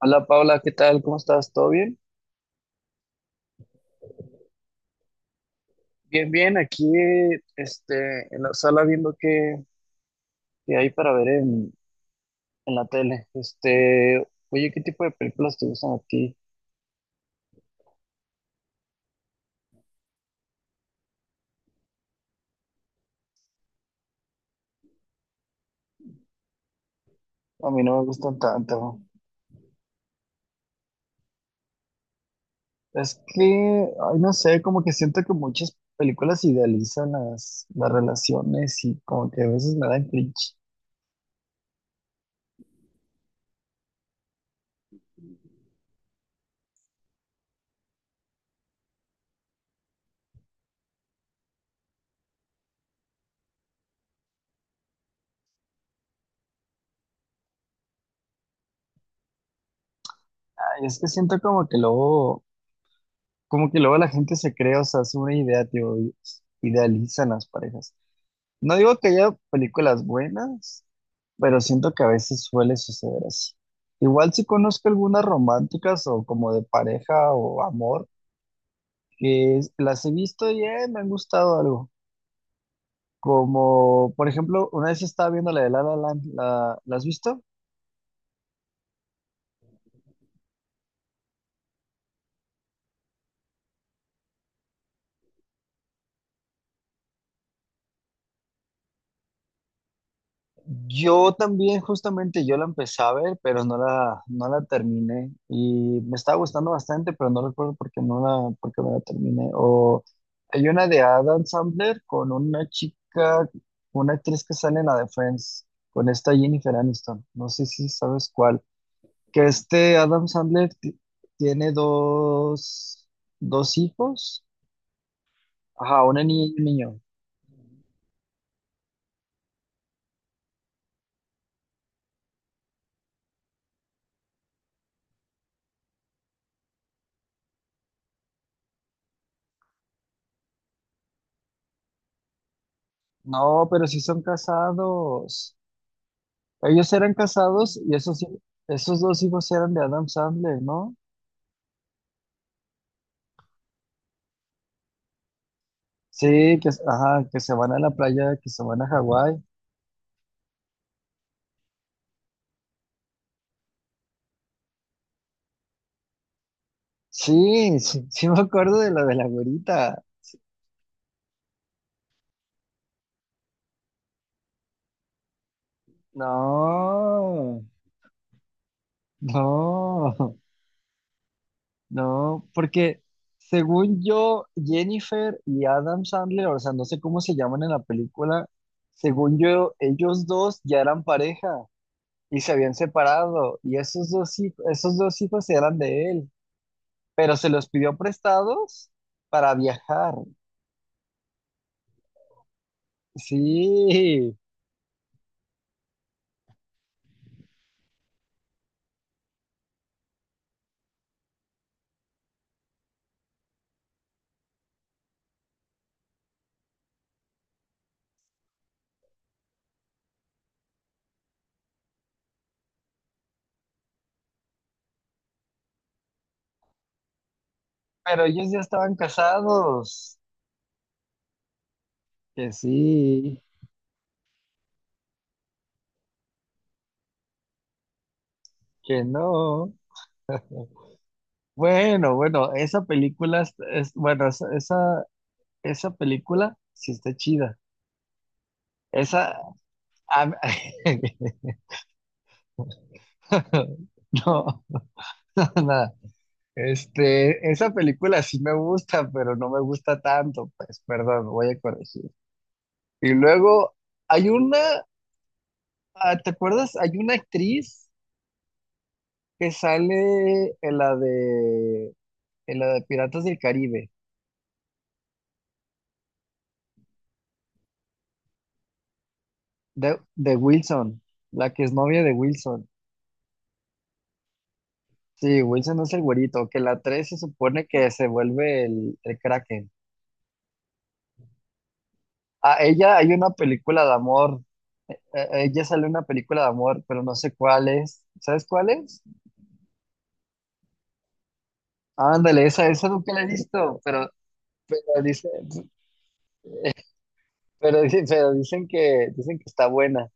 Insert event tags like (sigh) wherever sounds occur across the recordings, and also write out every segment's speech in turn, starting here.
Hola Paula, ¿qué tal? ¿Cómo estás? ¿Todo bien? Bien, bien, aquí en la sala viendo qué hay para ver en la tele. Oye, ¿qué tipo de películas te gustan a ti? A mí no me gustan tanto. Es que, ay, no sé, como que siento que muchas películas idealizan las relaciones y como que a veces me dan cringe. Ay, es que siento como que luego la gente se crea, o sea, hace una idea, tío, y idealizan las parejas. No digo que haya películas buenas, pero siento que a veces suele suceder así. Igual si conozco algunas románticas o como de pareja o amor, las he visto y me han gustado algo. Como, por ejemplo, una vez estaba viendo la de La La Land, ¿la has visto? Yo también, justamente, yo la empecé a ver, pero no la terminé. Y me estaba gustando bastante, pero no recuerdo por qué no la terminé. O hay una de Adam Sandler con una chica, una actriz que sale en la de Friends, con esta Jennifer Aniston. No sé si sabes cuál. Que este Adam Sandler tiene dos hijos. Ajá, una niña y un niño. No, pero sí son casados. Ellos eran casados y esos dos hijos eran de Adam Sandler, ¿no? Sí, que, ajá, que se van a la playa, que se van a Hawái. Sí, sí, (laughs) sí me acuerdo de lo de la güerita. No, no, no, porque según yo, Jennifer y Adam Sandler, o sea, no sé cómo se llaman en la película, según yo, ellos dos ya eran pareja y se habían separado y esos dos hijos eran de él, pero se los pidió prestados para viajar. Sí, pero ellos ya estaban casados. Que sí, que no. (laughs) Bueno, bueno, esa película es- bueno, esa, esa esa película sí está chida. Esa a- (laughs) no, (laughs) nada. Esa película sí me gusta, pero no me gusta tanto, pues, perdón, voy a corregir. Y luego hay una. Ah, ¿te acuerdas? Hay una actriz que sale en la de Piratas del Caribe, de Wilson, la que es novia de Wilson. Sí, Wilson es el güerito, que la 3 se supone que se vuelve el Kraken. A ella hay una película de amor, ella sale en una película de amor, pero no sé cuál es. ¿Sabes cuál es? Ándale, esa nunca la he visto, pero, pero, dice, pero dicen que está buena.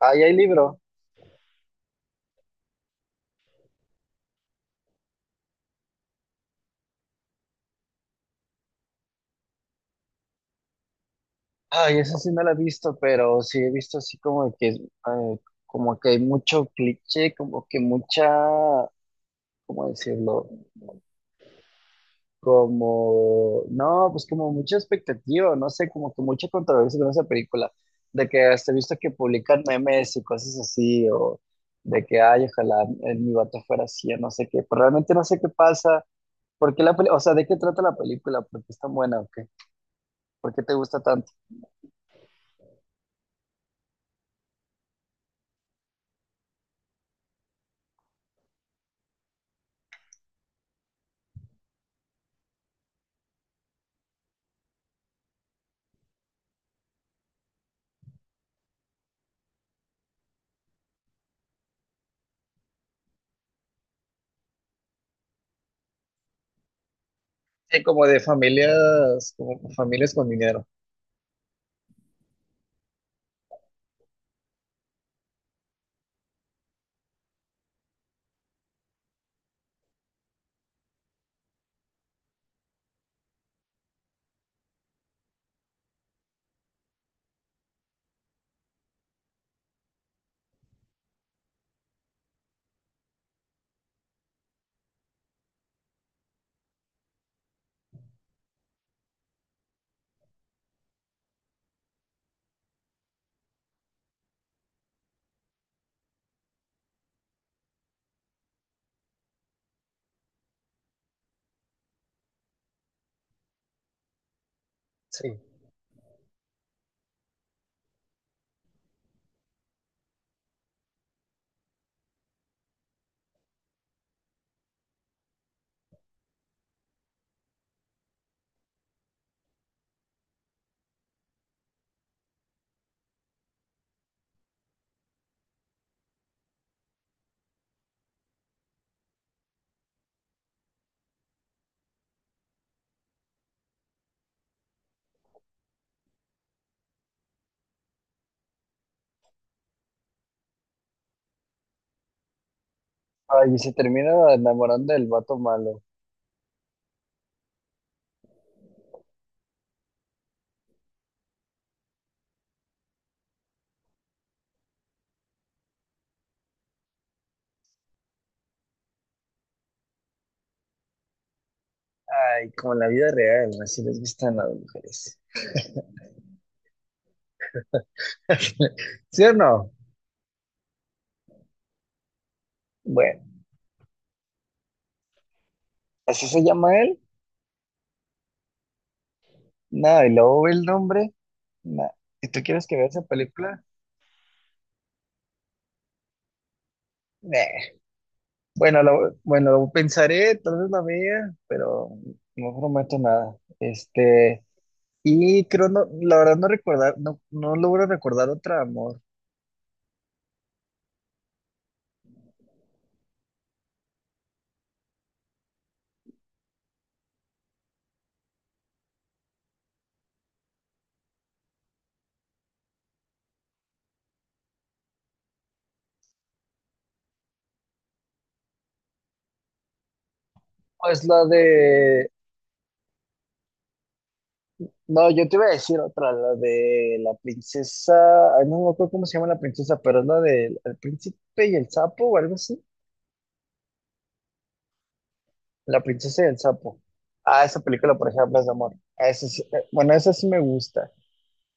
Ahí hay libro. Ay, esa sí no la he visto, pero sí he visto así como que hay mucho cliché, como que mucha, ¿cómo decirlo? Como, no, pues como mucha expectativa, no sé, como que mucha controversia con esa película, de que hasta he visto que publican memes y cosas así, o de que, ay, ojalá mi vato fuera así, o no sé qué, pero realmente no sé qué pasa, porque la peli, o sea, ¿de qué trata la película? ¿Por qué es tan buena o qué? ¿Por qué te gusta tanto? Sí, como de familias, como familias con dinero. Sí. Ay, y se termina enamorando del vato malo. Ay, como en la vida real, así les gustan las mujeres. (laughs) ¿Sí o no? Bueno, así se llama él. Nada, y luego ve el nombre. Nah. Si tú quieres que vea esa película, nah. Bueno, bueno, lo pensaré, tal vez la vea, pero no prometo nada. Y creo, no, la verdad no recordar, no, no logro recordar otra, amor. Pues la de, no, yo te iba a decir otra, la de la princesa, ay, no me acuerdo cómo se llama la princesa, pero es la de El Príncipe y el Sapo o algo así. La princesa y el Sapo. Ah, esa película, por ejemplo, es de amor. Esa sí me gusta.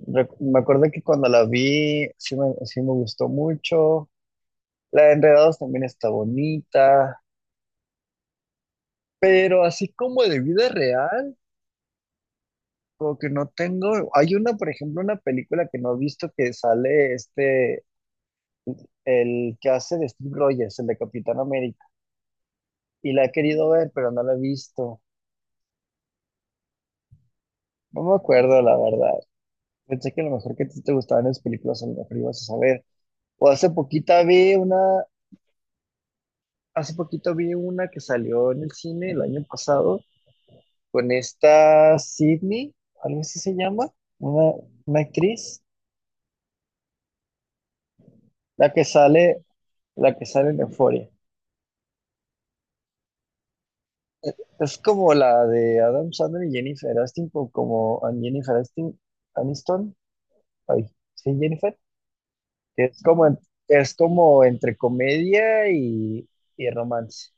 Me acuerdo que cuando la vi, sí me gustó mucho. La de Enredados también está bonita, pero así como de vida real, como que no tengo. Hay una, por ejemplo, una película que no he visto que sale el que hace de Steve Rogers, el de Capitán América, y la he querido ver, pero no la he visto. No me acuerdo, la verdad. Pensé que a lo mejor que a ti te gustaban las películas, a lo mejor ibas a saber. O hace poquita vi una, hace poquito vi una que salió en el cine el año pasado con esta Sydney, algo así se llama, una, una actriz, la que sale, la que sale en Euphoria. Es como la de Adam Sandler y Jennifer Aniston, o como and Jennifer Aniston, ay, sí, Jennifer, que es como, es como entre y romance.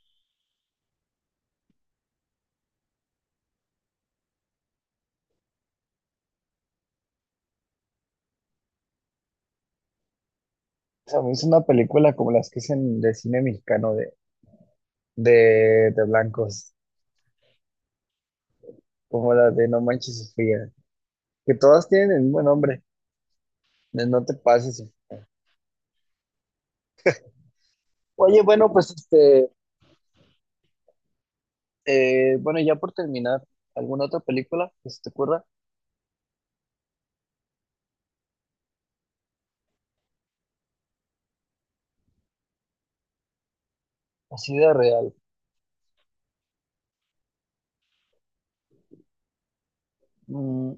O sea, es una película como las que hacen de cine mexicano de blancos, como la de No Manches Sofía, que todas tienen el mismo nombre, de No Te Pases. Oye, bueno, pues ya por terminar, ¿alguna otra película que se te ocurra? Así de real. Mm,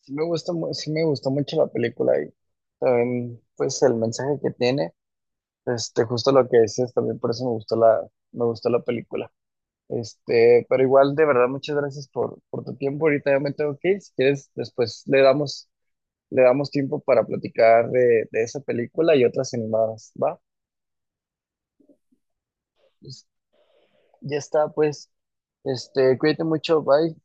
sí me gustó mucho la película y también, pues el mensaje que tiene, este, justo lo que dices, también por eso me gustó me gustó la película. Este, pero igual, de verdad, muchas gracias por tu tiempo. Ahorita ya me tengo que ir. Si quieres, después le damos tiempo para platicar de esa película y otras animadas, ¿va? Ya está, pues, este, cuídate mucho, bye.